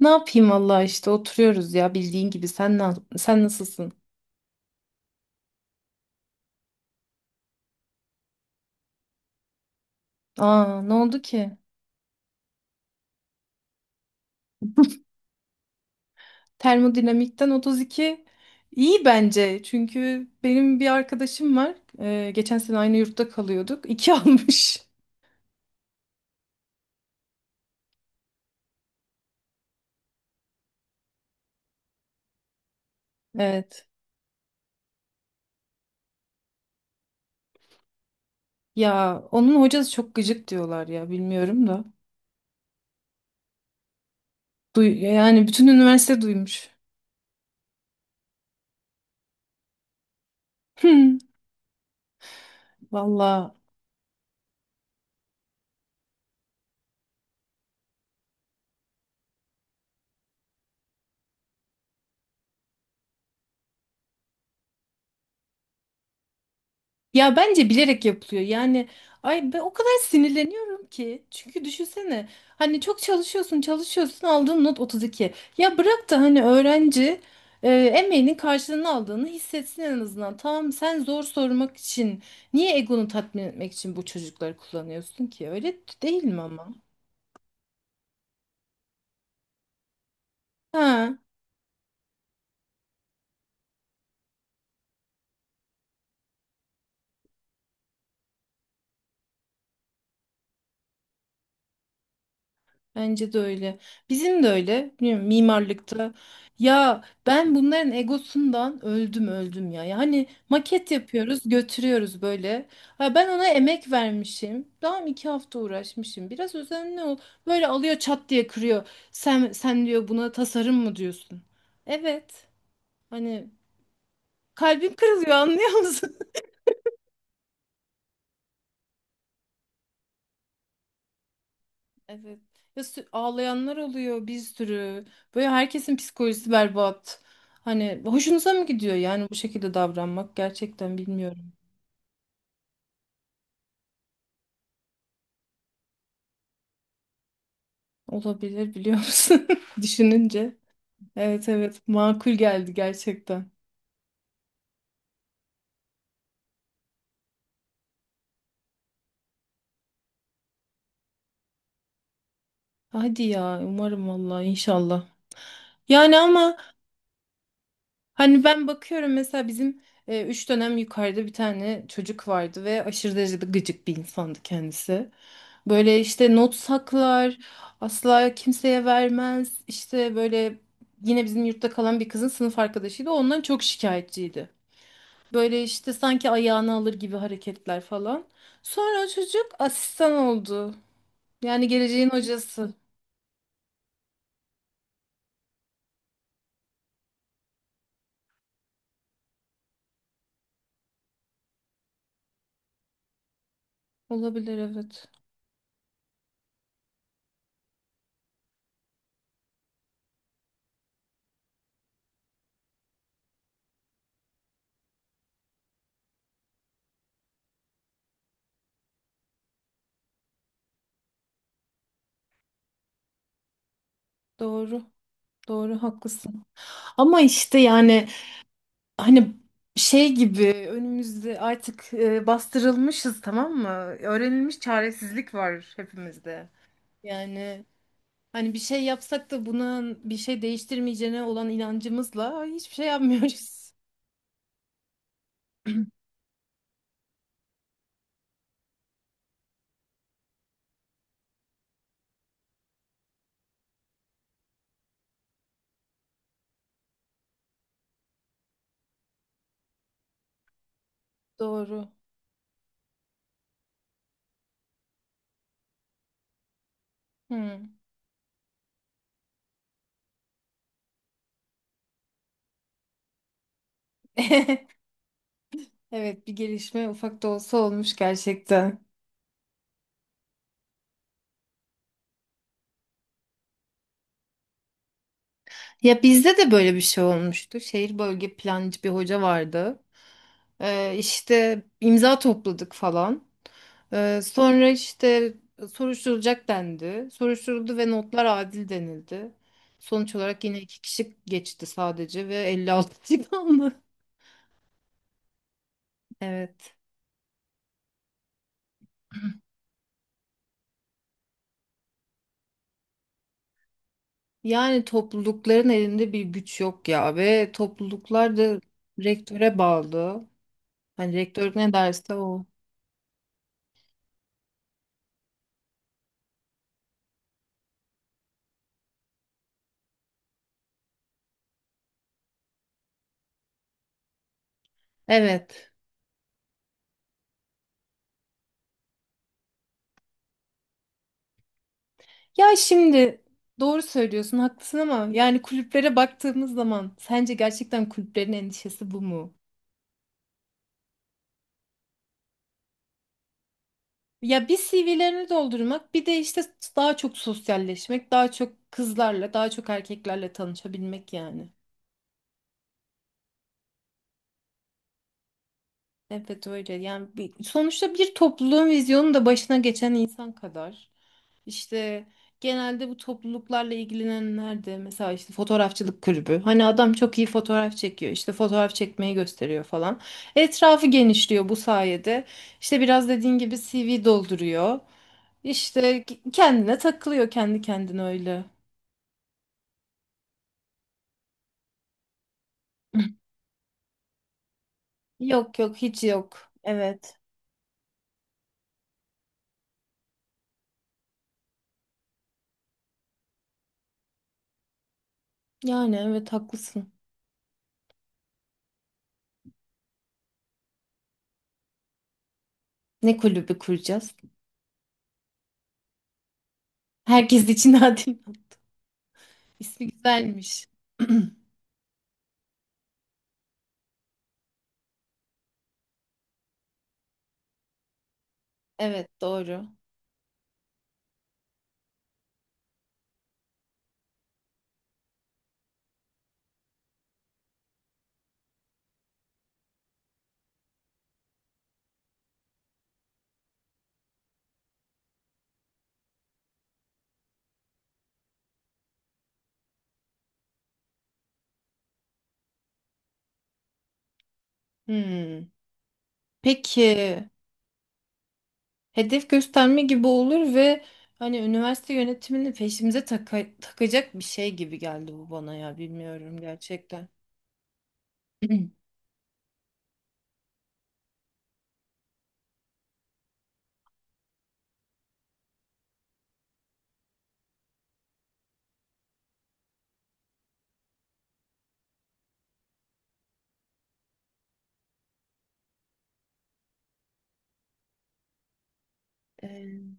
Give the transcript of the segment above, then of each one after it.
Ne yapayım valla işte oturuyoruz ya bildiğin gibi sen nasılsın? Aa ne oldu ki? Termodinamikten 32 iyi bence. Çünkü benim bir arkadaşım var. Geçen sene aynı yurtta kalıyorduk. 2 almış. Evet. Ya onun hocası çok gıcık diyorlar ya bilmiyorum da. Duy yani bütün üniversite duymuş. Valla ya bence bilerek yapılıyor. Yani ay ben o kadar sinirleniyorum ki. Çünkü düşünsene hani çok çalışıyorsun çalışıyorsun aldığın not 32. Ya bırak da hani öğrenci emeğinin karşılığını aldığını hissetsin en azından. Tamam sen zor sormak için niye egonu tatmin etmek için bu çocukları kullanıyorsun ki? Öyle değil mi ama? Ha. Bence de öyle. Bizim de öyle. Bilmiyorum, mimarlıkta. Ya ben bunların egosundan öldüm öldüm ya. Yani maket yapıyoruz, götürüyoruz böyle. Ha, ben ona emek vermişim. Tamam iki hafta uğraşmışım. Biraz özenli ol. Böyle alıyor çat diye kırıyor. Sen diyor buna tasarım mı diyorsun? Evet. Hani kalbim kırılıyor anlıyor musun? Evet. Ağlayanlar oluyor bir sürü. Böyle herkesin psikolojisi berbat. Hani hoşunuza mı gidiyor yani bu şekilde davranmak? Gerçekten bilmiyorum. Olabilir biliyor musun? Düşününce. Evet evet makul geldi gerçekten. Hadi ya umarım vallahi inşallah. Yani ama hani ben bakıyorum mesela bizim üç dönem yukarıda bir tane çocuk vardı ve aşırı derecede gıcık bir insandı kendisi. Böyle işte not saklar, asla kimseye vermez. İşte böyle yine bizim yurtta kalan bir kızın sınıf arkadaşıydı. Ondan çok şikayetçiydi. Böyle işte sanki ayağını alır gibi hareketler falan. Sonra o çocuk asistan oldu. Yani geleceğin hocası. Olabilir evet. Doğru. Doğru haklısın. Ama işte yani hani şey gibi önümüzde artık bastırılmışız tamam mı? Öğrenilmiş çaresizlik var hepimizde. Yani hani bir şey yapsak da bunun bir şey değiştirmeyeceğine olan inancımızla hiçbir şey yapmıyoruz. Doğru. Hmm. Evet bir gelişme ufak da olsa olmuş gerçekten. Ya bizde de böyle bir şey olmuştu. Şehir bölge plancı bir hoca vardı. İşte imza topladık falan. Sonra işte soruşturulacak dendi. Soruşturuldu ve notlar adil denildi. Sonuç olarak yine iki kişi geçti sadece ve 56 aldı. Evet. Yani toplulukların elinde bir güç yok ya ve topluluklar da rektöre bağlı. Hani rektör ne derse o. Evet. Ya şimdi doğru söylüyorsun, haklısın ama yani kulüplere baktığımız zaman sence gerçekten kulüplerin endişesi bu mu? Ya bir CV'lerini doldurmak, bir de işte daha çok sosyalleşmek, daha çok kızlarla, daha çok erkeklerle tanışabilmek yani. Evet öyle. Sonuçta bir topluluğun vizyonu da başına geçen insan kadar. İşte genelde bu topluluklarla ilgilenenler de mesela işte fotoğrafçılık kulübü. Hani adam çok iyi fotoğraf çekiyor. İşte fotoğraf çekmeyi gösteriyor falan. Etrafı genişliyor bu sayede. İşte biraz dediğin gibi CV dolduruyor. İşte kendine takılıyor kendi kendine öyle. Yok yok hiç yok. Evet. Yani evet haklısın. Ne kulübü kuracağız? Herkes için adil. İsmi güzelmiş. Evet doğru. Hmm. Peki. Hedef gösterme gibi olur ve hani üniversite yönetimini takacak bir şey gibi geldi bu bana ya bilmiyorum gerçekten. Ee,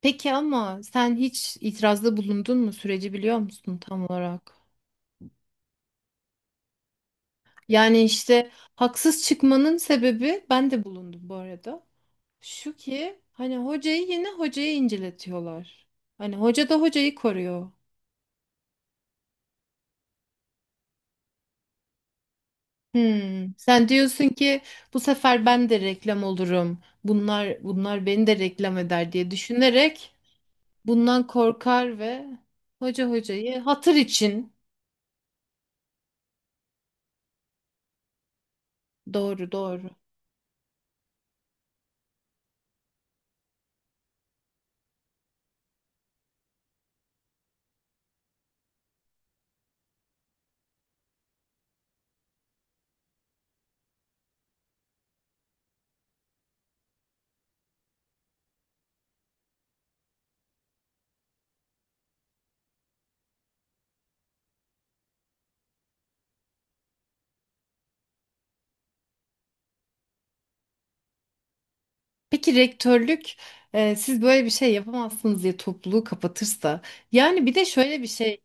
Peki ama sen hiç itirazda bulundun mu? Süreci biliyor musun tam olarak? Yani işte haksız çıkmanın sebebi ben de bulundum bu arada. Şu ki hani hocayı yine hocayı inceletiyorlar. Hani hoca da hocayı koruyor. Hmm. Sen diyorsun ki bu sefer ben de reklam olurum. Bunlar beni de reklam eder diye düşünerek bundan korkar ve hoca hocayı hatır için doğru doğru. Peki rektörlük siz böyle bir şey yapamazsınız diye topluluğu kapatırsa yani bir de şöyle bir şey.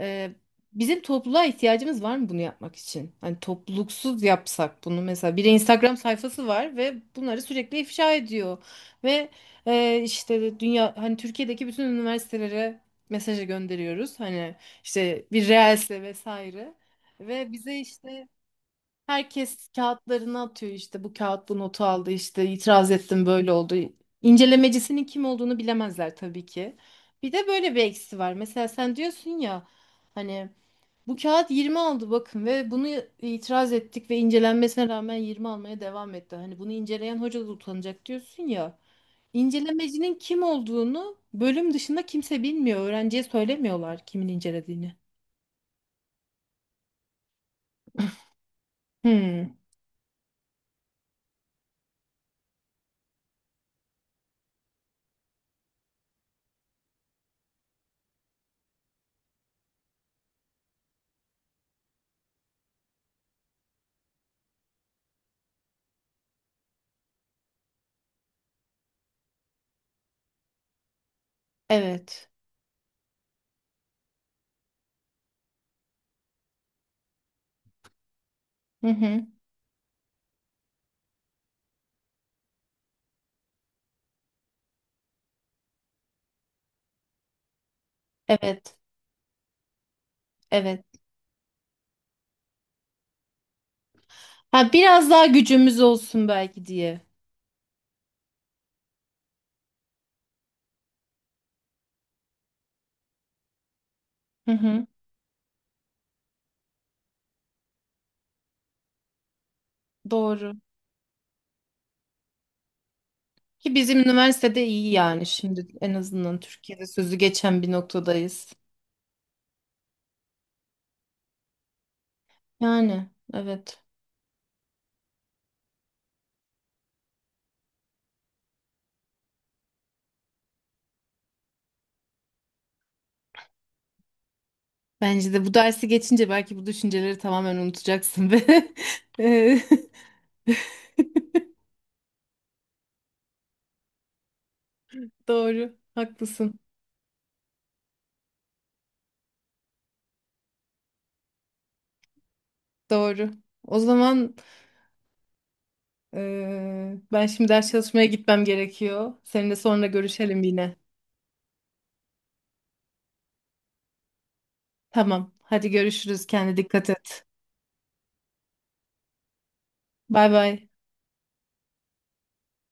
Ee, Bizim topluluğa ihtiyacımız var mı bunu yapmak için? Hani topluluksuz yapsak bunu mesela bir Instagram sayfası var ve bunları sürekli ifşa ediyor ve işte dünya hani Türkiye'deki bütün üniversitelere mesaja gönderiyoruz hani işte bir reelse vesaire ve bize işte herkes kağıtlarını atıyor işte bu kağıt bu notu aldı işte itiraz ettim böyle oldu. İncelemecisinin kim olduğunu bilemezler tabii ki. Bir de böyle bir eksi var. Mesela sen diyorsun ya hani bu kağıt 20 aldı bakın ve bunu itiraz ettik ve incelenmesine rağmen 20 almaya devam etti. Hani bunu inceleyen hoca da utanacak diyorsun ya. İncelemecinin kim olduğunu bölüm dışında kimse bilmiyor. Öğrenciye söylemiyorlar kimin incelediğini. Hmm, evet. Hı hı. Evet. Evet. Ha biraz daha gücümüz olsun belki diye. Hı hı. Doğru. Ki bizim üniversitede iyi yani şimdi en azından Türkiye'de sözü geçen bir noktadayız. Yani evet. Bence de bu dersi geçince belki bu düşünceleri tamamen unutacaksın ve Eee, doğru. Haklısın. Doğru. O zaman ben şimdi ders çalışmaya gitmem gerekiyor. Seninle sonra görüşelim yine. Tamam. Hadi görüşürüz. Kendine dikkat et. Bay bay.